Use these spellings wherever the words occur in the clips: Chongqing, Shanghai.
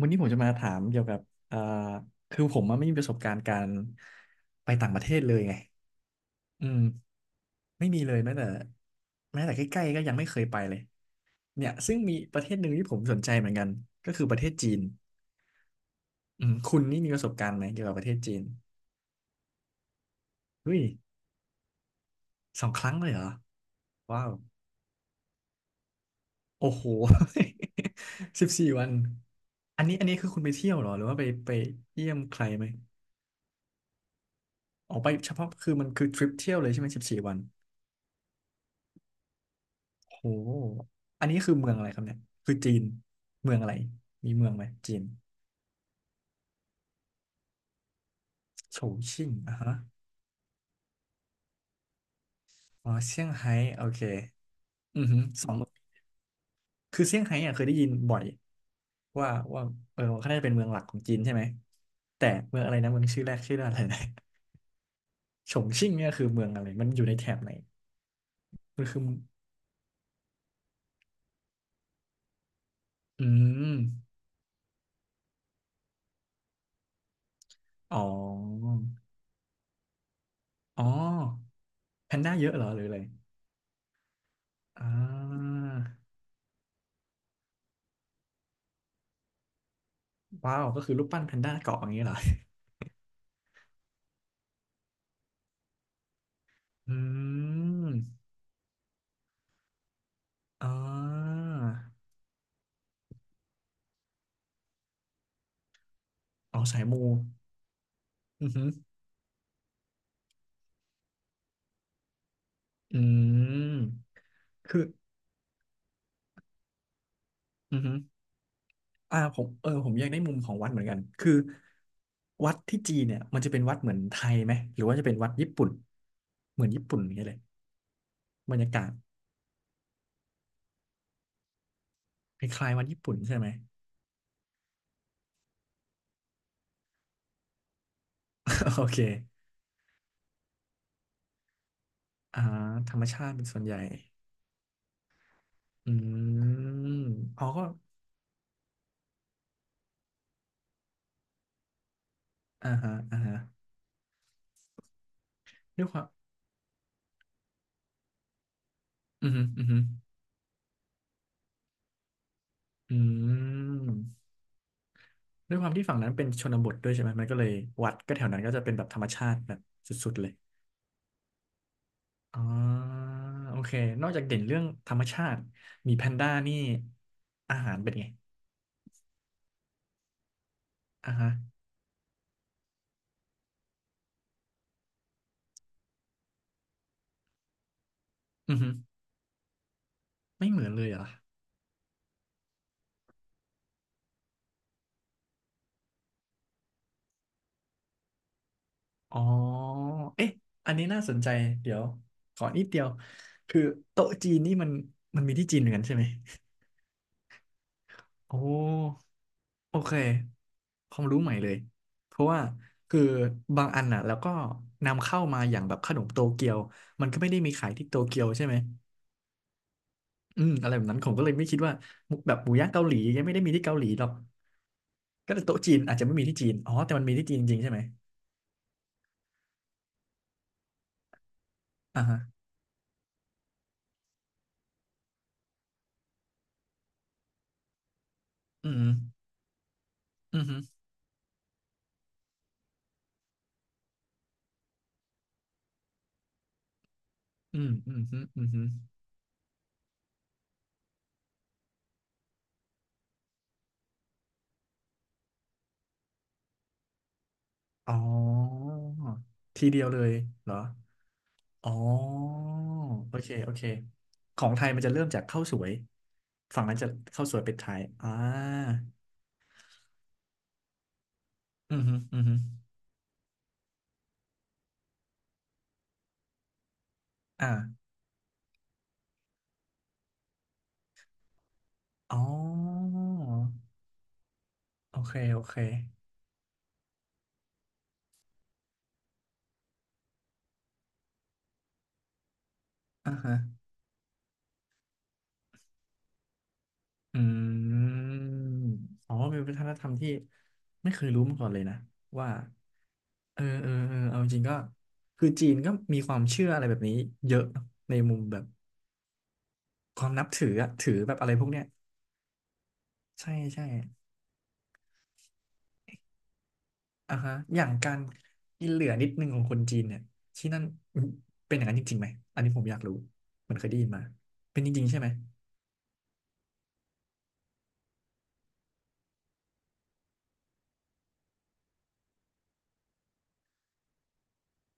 วันนี้ผมจะมาถามเกี่ยวกับเอ่อคือผมอะไม่มีประสบการณ์การไปต่างประเทศเลยไงอืมไม่มีเลยแม้แต่ใกล้ๆก็ยังไม่เคยไปเลยเนี่ยซึ่งมีประเทศหนึ่งที่ผมสนใจเหมือนกันก็คือประเทศจีนอืมคุณนี่มีประสบการณ์ไหมเกี่ยวกับประเทศจีนเฮ้ยสองครั้งเลยเหรอว้าวโอ้โห สิบสี่วันอันนี้คือคุณไปเที่ยวเหรอหรือว่าไปเยี่ยมใครไหมออกไปเฉพาะคือมันคือทริปเที่ยวเลยใช่ไหมสิบสี่วัน โอ้อันนี้คือเมืองอะไรครับเนี่ยคือจีน เมืองอะไร มีเมืองไหมจีนโฉชิ่งอ่ะฮะอ๋อเซี่ยงไฮ้โอเค อือหือสองคือเซี่ยงไฮ้อ่ะเคยได้ยินบ่อย ว่าว่าเออเขาน่าจะเป็นเมืองหลักของจีนใช่ไหม แต่เมืองอะไรนะเมืองชื่อแรกชื่ออะไรนะ ฉงชิ่งเนี่ยคือเมืองอะไร มันอยู่ในแถบไหนมันคืออืมอ๋ออ๋อแพนด้าเยอะเหรอหรืออะไรอ่าว้าวก็คือรูปปั้นแพนด้าเกาะอย่างนี้เหรออืม อ่าอ๋อสายมูอือหืออืมคืออือหืออ่าผมเออผมอยากได้มุมของวัดเหมือนกัน คือวัดที่จีนเนี่ยมันจะเป็นวัดเหมือนไทยไหมหรือว่าจะเป็นวัดญี่ปุ่น เหมือนญี่ปุ่นอย่างเงี้ยเลยบรรยากาศคล้ายๆวัดญี่ปุ่นใช่ไหม โอเคอ่าธรรมชาติเป็นส่วนใหญ่อืมอ๋อก็อ่าฮะอ่าฮะด้วยความอือหืออือหืออืม ด้วยความที่ฝั่งนั้นเป็นชนบทด้วยใช่ไหม มันก็เลยวัดก็แถวนั้นก็จะเป็นแบบธรรมชาติแบบสุดๆเลยอ๋อโอเค นอกจากเด่นเรื่องธรรมชาติมีแพนด้านี่อาหารเป็นไงอ่ะฮะอือฮึไม่เหมือนเลยเหรอ อ๋อเอ๊ะอันนี้น่าสนใจ เดี๋ยวขอนิดเดียวคือโต๊ะจีนนี่มันมีที่จีนเหมือนกันใช่ไหม โอ้ โอเคความรู้ใหม่เลยเพราะว่าคือบางอันน่ะแล้วก็นำเข้ามาอย่างแบบขนมโตเกียวมันก็ไม่ได้มีขายที่โตเกียวใช่ไหมอืมอะไรแบบนั้นผมก็เลยไม่คิดว่ามุกแบบหมูย่างเกาหลียังไม่ได้มีที่เกาหลีหรอกก็แต่โต๊ะจีนอาจจะไม่มีที่จีนอ๋อแต่มันมีที่จีนจริงๆใช่ไหมอ่าฮะอืมอืมอืมอืมอืมอืมอืมอ๋อทีเดียวเลยเหรอ อ๋อโอเคโอเค ของไทยมันจะเริ่มจากข้าวสวย ฝั่งนั้นจะข้าวสวยเป็ดไทยอ่าอือฮึอือฮึอ่าอ๋อโอเคโอเคอ่าฮะอืมอ๋อเป็นวัฒนธรรมที่ไม่เคยรู้มาก่อนเลยนะ ว่าเออเออเออเอาจริงๆก็คือจีนก็มีความเชื่ออะไรแบบนี้เยอะเนอะในมุมแบบความนับถืออะถือแบบอะไรพวกเนี้ยใช่ใช่ อ่าฮะอย่างการกินเหลือนิดนึงของคนจีนเนี่ยที่นั่นเป็นอย่างนั้นจริงๆไหมอันนี้ผมอยากรู้มันเคยได้ยินมา เป็นจริงๆใช่ไหม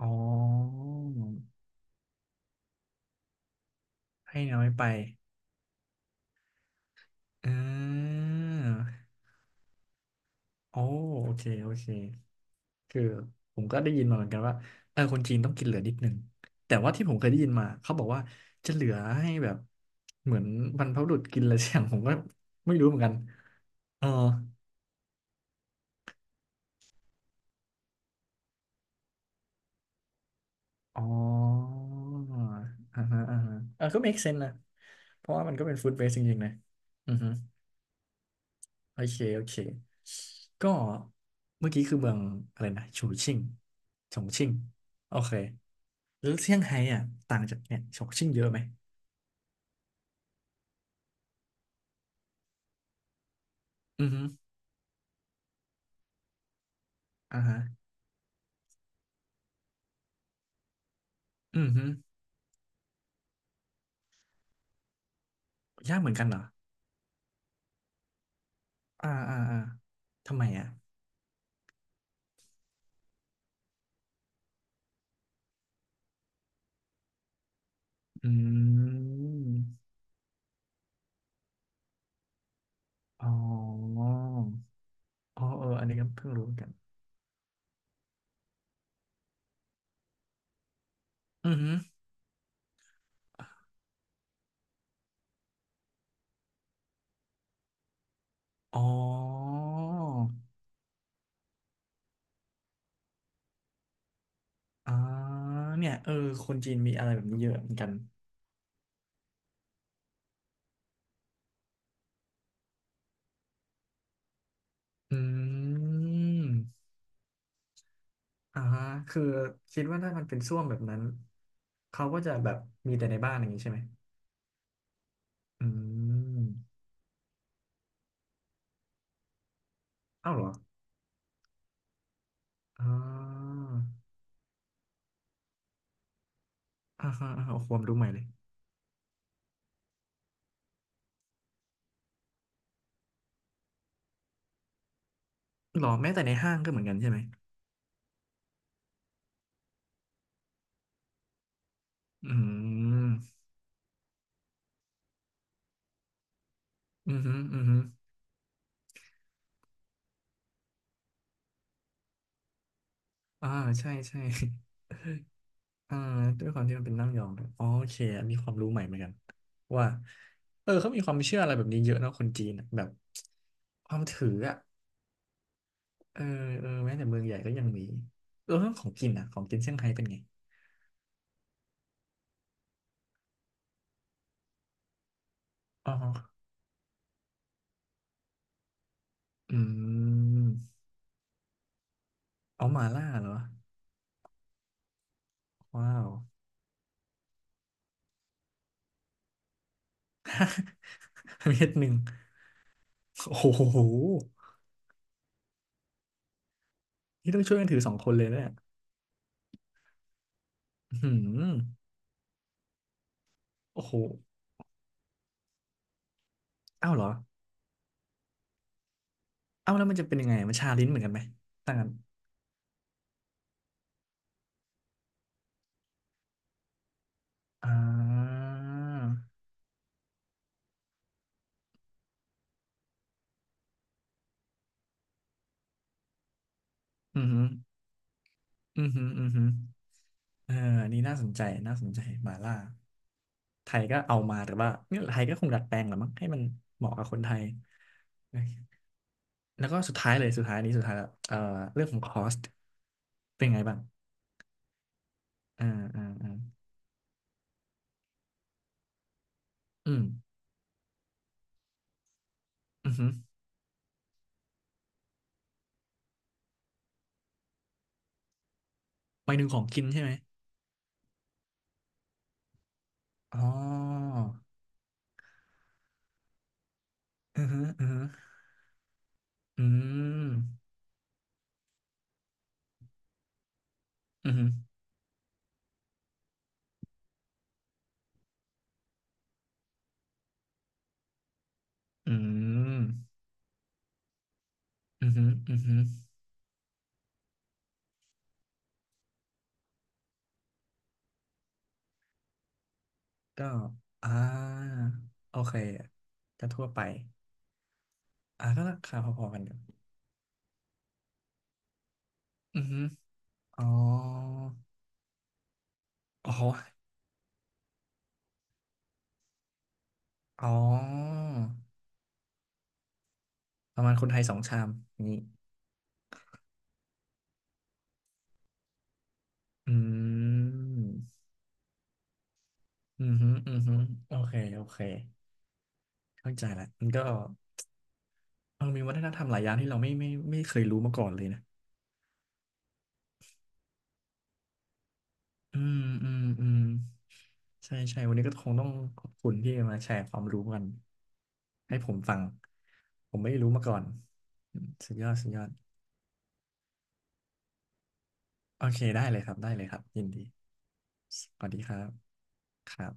อ๋อให้น้อยไปอ่าโอ้โอเคโอเคคือผมก็ได้ยินมาเหมือนกันว่า เออ คนจีนต้องกินเหลือนิดนึงแต่ว่าที่ผมเคยได้ยินมาเขาบอกว่าจะเหลือให้แบบเหมือนบรรพบุรุษกินอะไรสักอย่างผมก็ไม่รู้เหมือนกันเออ อ๋ออ่าฮะอ่าฮะเออก็ make sense นะเพราะว่ามันก็เป็น food waste จริงๆนะอือฮึโอเคโอเคก็เมื่อกี้คือเมืองอะไรนะฉูชิ่งฉงชิ่งโอเคแล้วเซี่ยงไฮ้อ่ะต่างจากเนี่ยฉงชิ่งเยอะไหมอือฮึอ่าฮะอือฮึยากเหมือนกันเหรออ่าอ่าอ่าทำไมอ่ะอืมอ๋ออ๋อเอออันนี้ก็เพิ่งรู้เหมือนกันอือฮึอ๋อ อ๋อเนี่ยเออคนจีนมีอะไรแบบนี้เยอะเหมือนกันอืมอ่าฮะคือคิดว่าถ้ามันเป็นส้วมแบบนั้นเขาก็จะแบบมีแต่ในบ้านอย่างนี้ใช่ไหมอืมเอ้าเหรออ่าอ่าฮะอ่าฮะโอ้โความรู้ใหม่เลยหรอแม้แต่ในห้างก็เหมือนกันใช่ไหมอืมอืมอหืมออือหืออ่าใช่ใช่ อ่าด้วยความที่มันเป็นนั่งยองด้วยอ๋อโอเคอันนี้ความรู้ใหม่เหมือนกันว่าเออเขามีความเชื่ออะไรแบบนี้เยอะเนอะคนจีนอะแบบความถืออ่ะเออเออแม้แต่เมืองใหญ่ก็ยังมีเออเรื่องของกินอ่ะของกินเซี่ยงไฮ้เป็นไงอ๋ออืมเอาหม่าล่าเหรอว้าว เม็ดหนึ่งโอ้โหนี่ต้องช่วยกันถือสองคนเลยนะเนี่ยอื้อหืมโอ้โหเอ้าวเหรอเอ้าวแล้วมันจะเป็นยังไงมันชาลิ้นเหมือนกันไหมต่างกันอ่าอือหือ อือหืออือหือเอออันนี่น่าสนใจน่าสนใจหมาล่า ไทยก็เอามา แต่ว่าเนี่ยไทยก็คงดัดแปลงแหละมั้งให้มันเหมาะกับคนไทยแล้วก็สุดท้ายเลยสุดท้ายอันนี้สุดท้ายแล้วเรื่องของคอสเป็นไงบ้างอ่าอ่าอ่าอืมอือหือหมายถึงของกินใช่ไหมอ๋ออือหืออือหืออืมอือหืออืมอือหืออือหือก็อ่าโอเคก็ทั่วไปอ่าก็ราคาพอๆกันอยู่อือฮ อ๋ออ๋ออ๋อประมาณคนไทยสองชามนี้อืมอืมฮึอืมฮึโอเคโอเคเข้าใจละมันก็เออมีวัฒนธรรมหลายอย่างที่เราไม่เคยรู้มาก่อนเลยนะอืมอืมอืมใช่ใช่วันนี้ก็คงต้องขอบคุณที่มาแชร์ความรู้กันให้ผมฟังผมไม่รู้มาก่อนอืมสุดยอดสุดยอดโอเค ได้เลยครับได้เลยครับยินดี สวัสดีครับครับ